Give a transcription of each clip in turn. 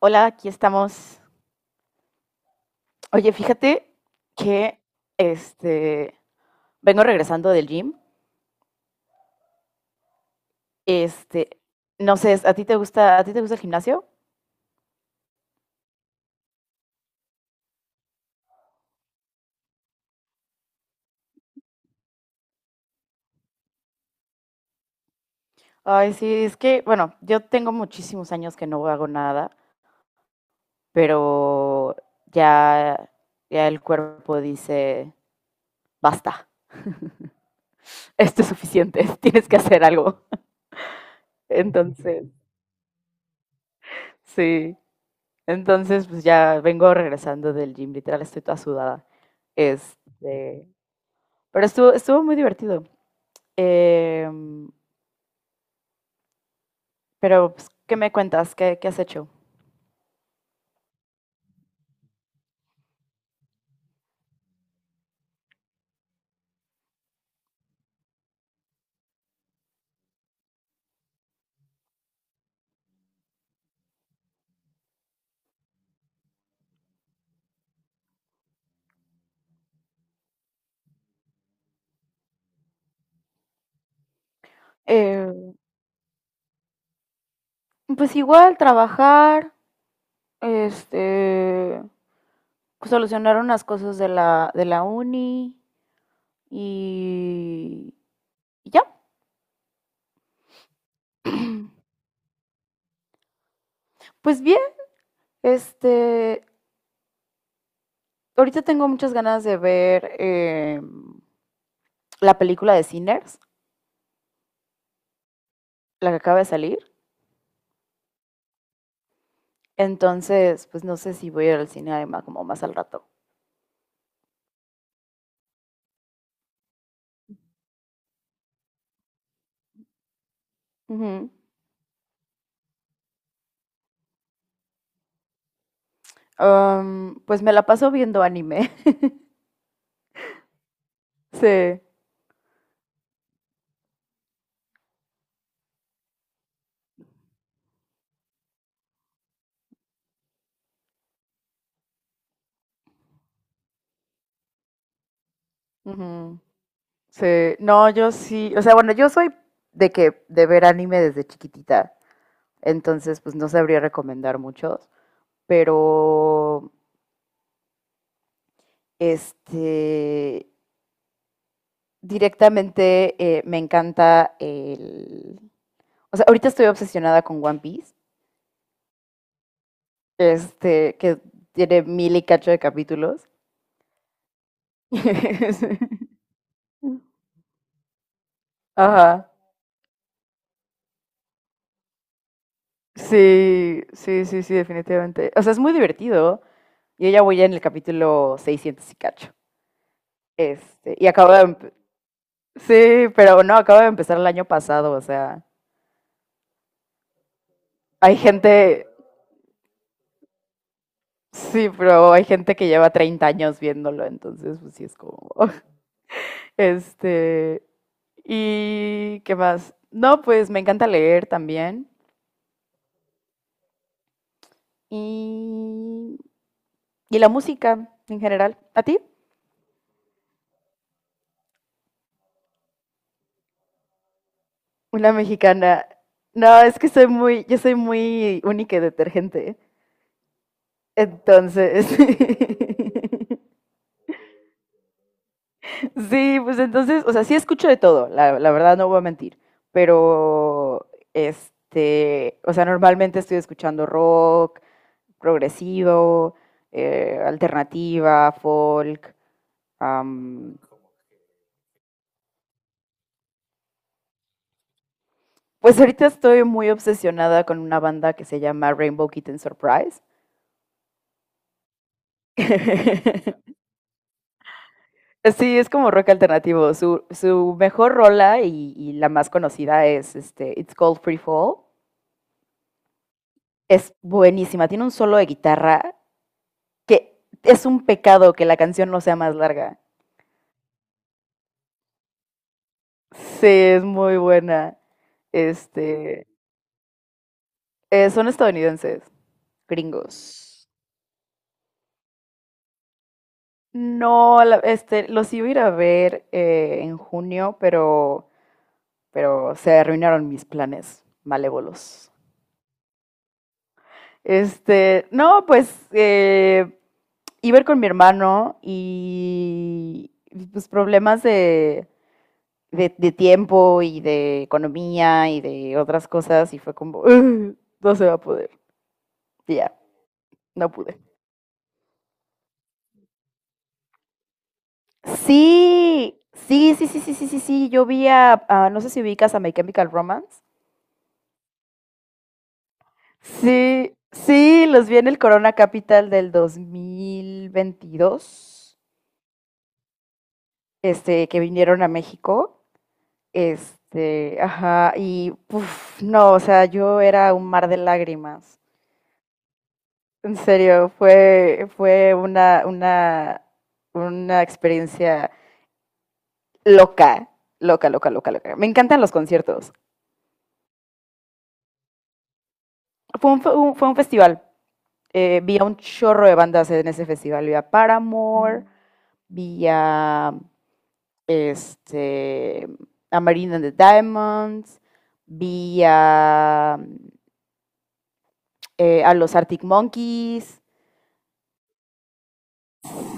Hola, aquí estamos. Oye, fíjate que este vengo regresando del gym. Este, no sé, ¿a ti te gusta, a ti te gusta el gimnasio? Ay, sí, es que, bueno, yo tengo muchísimos años que no hago nada, pero ya, ya el cuerpo dice, basta, esto es suficiente, tienes que hacer algo. Entonces, sí, entonces pues ya vengo regresando del gym, literal estoy toda sudada. Este, Pero estuvo muy divertido. Eh, pero, pues, ¿qué me cuentas? Qué has hecho? Eh, pues igual trabajar, este, pues, solucionar unas cosas de de la uni y, y ya. Pues bien, este, ahorita tengo muchas ganas de ver la película de Sinners, la que acaba de salir. Entonces, pues no sé si voy a ir al cine además como más al rato. Ujú. Pues me la paso viendo anime. Sí, ujú, sí. No, yo sí. O sea, bueno, yo soy de que de ver anime desde chiquitita. Entonces, pues no sabría recomendar muchos. Pero, este, directamente me encanta el. O sea, ahorita estoy obsesionada con One Piece. Este, que tiene mil y cacho de capítulos. Ajá. Sí, sí, sí, sí, definitivamente. O sea, es muy divertido. Yo ya voy en el capítulo 600 y cacho. Este, y acabo de... Sí, pero no, acabo de empezar el año pasado, o sea, hay gente... Sí, pero hay gente que lleva 30 años viéndolo, entonces pues sí es como... Este, ¿y qué más? No, pues me encanta leer también. Y, y la música en general. ¿A ti? Una mexicana. No, es que soy muy, yo soy muy única y detergente. Entonces, sí, pues entonces, o sea, sí escucho de todo, la verdad no voy a mentir, pero o sea, normalmente estoy escuchando rock, progresivo, alternativa, folk. am, pues ahorita estoy muy obsesionada con una banda que se llama Rainbow Kitten Surprise. Sí, es como rock alternativo. Su mejor rola y la más conocida es It's Called Free Fall. Es buenísima, tiene un solo de guitarra que es un pecado que la canción no sea más larga. Sí, es muy buena. Este, son estadounidenses, gringos. No, los iba a ir a ver en junio, pero se arruinaron mis planes malévolos. No, pues iba a ir con mi hermano y pues problemas de de tiempo y de economía y de otras cosas y fue como, "Ugh, no se va a poder. Y ya, no pude. Sí, sí, sí, sí, sí, sí, sí, sí, yo vi no sé si ubicas a My Chemical Romance. Sí, sí, los vi en el Corona Capital del 2022, que vinieron a México. Ajá, y puf, no, o sea, yo era un mar de lágrimas. En serio, fue una experiencia loca, loca, loca, loca, loca. Me encantan los conciertos. Fue un, fue un festival. Vi a un chorro de bandas en ese festival. Vi a Paramore, vi a, este, a Marina and the Diamonds, vi a los Arctic Monkeys.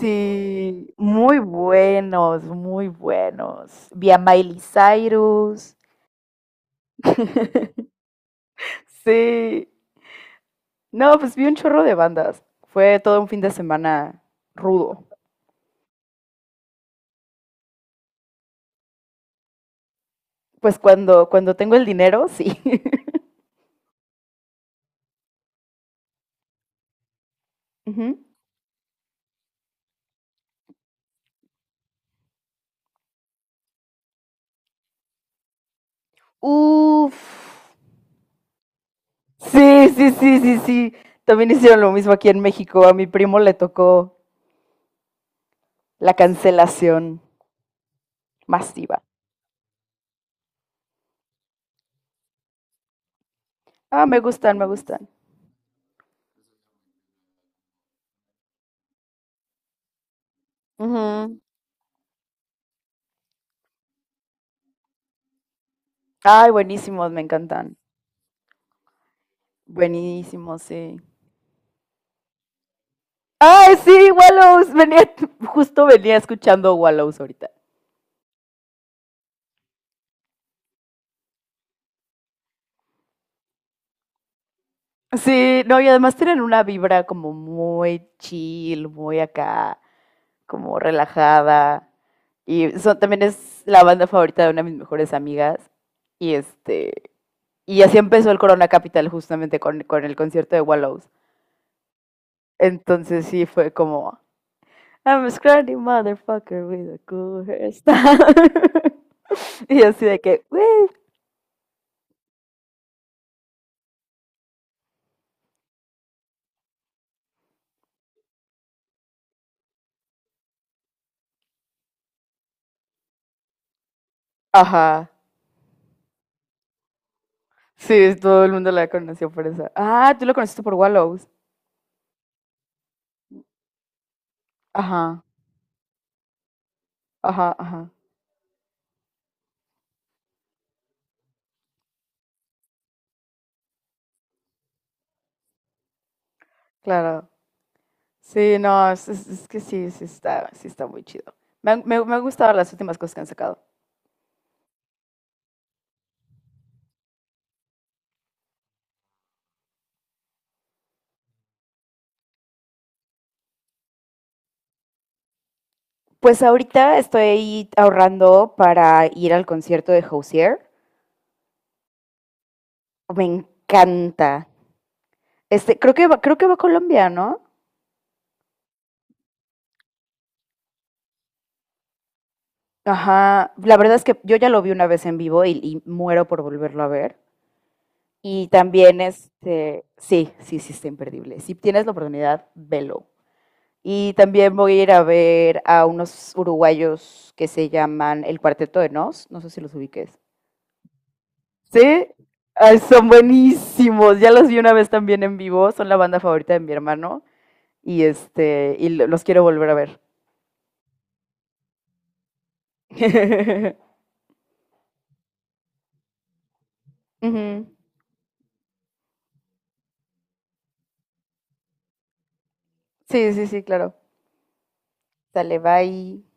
Sí, muy buenos, muy buenos. Vi a Miley Cyrus. Sí. No, pues vi un chorro de bandas. Fue todo un fin de semana rudo. Pues cuando, cuando tengo el dinero, sí. Ujú. Uf. Sí, sí, sí, sí, sí. También hicieron lo mismo aquí en México. A mi primo le tocó la cancelación masiva. Ah, me gustan, me gustan. Ujú. Ay, buenísimos, me encantan. Buenísimos, sí. Ay, sí, Wallows. Venía, justo venía escuchando Wallows ahorita. Sí, no, y además tienen una vibra como muy chill, muy acá, como relajada. Y son, también es la banda favorita de una de mis mejores amigas. Y este, y así empezó el Corona Capital justamente con el concierto de Wallows. Entonces sí fue como, I'm a scrawny motherfucker with a cool hairstyle. Y así de que, "Woo". Ajá. Sí, todo el mundo la conoció por eso. Ah, tú lo conociste por Wallows. Ajá, ajá, ajá. Claro. Sí, no, es, es que sí, sí está muy chido. Me han, me han gustado las últimas cosas que han sacado. Pues ahorita estoy ahorrando para ir al concierto de Hozier. Me encanta. Creo que va a Colombia, ¿no? Ajá. La verdad es que yo ya lo vi una vez en vivo y muero por volverlo a ver. Y también, sí, sí, sí, está imperdible. Si tienes la oportunidad, velo. Y también voy a ir a ver a unos uruguayos que se llaman El Cuarteto de Nos, no sé si los ubiques. Sí, ay, son buenísimos. Ya los vi una vez también en vivo, son la banda favorita de mi hermano y los quiero volver a ver. Ujú. Sí, sí, sí, claro. Sale, bye.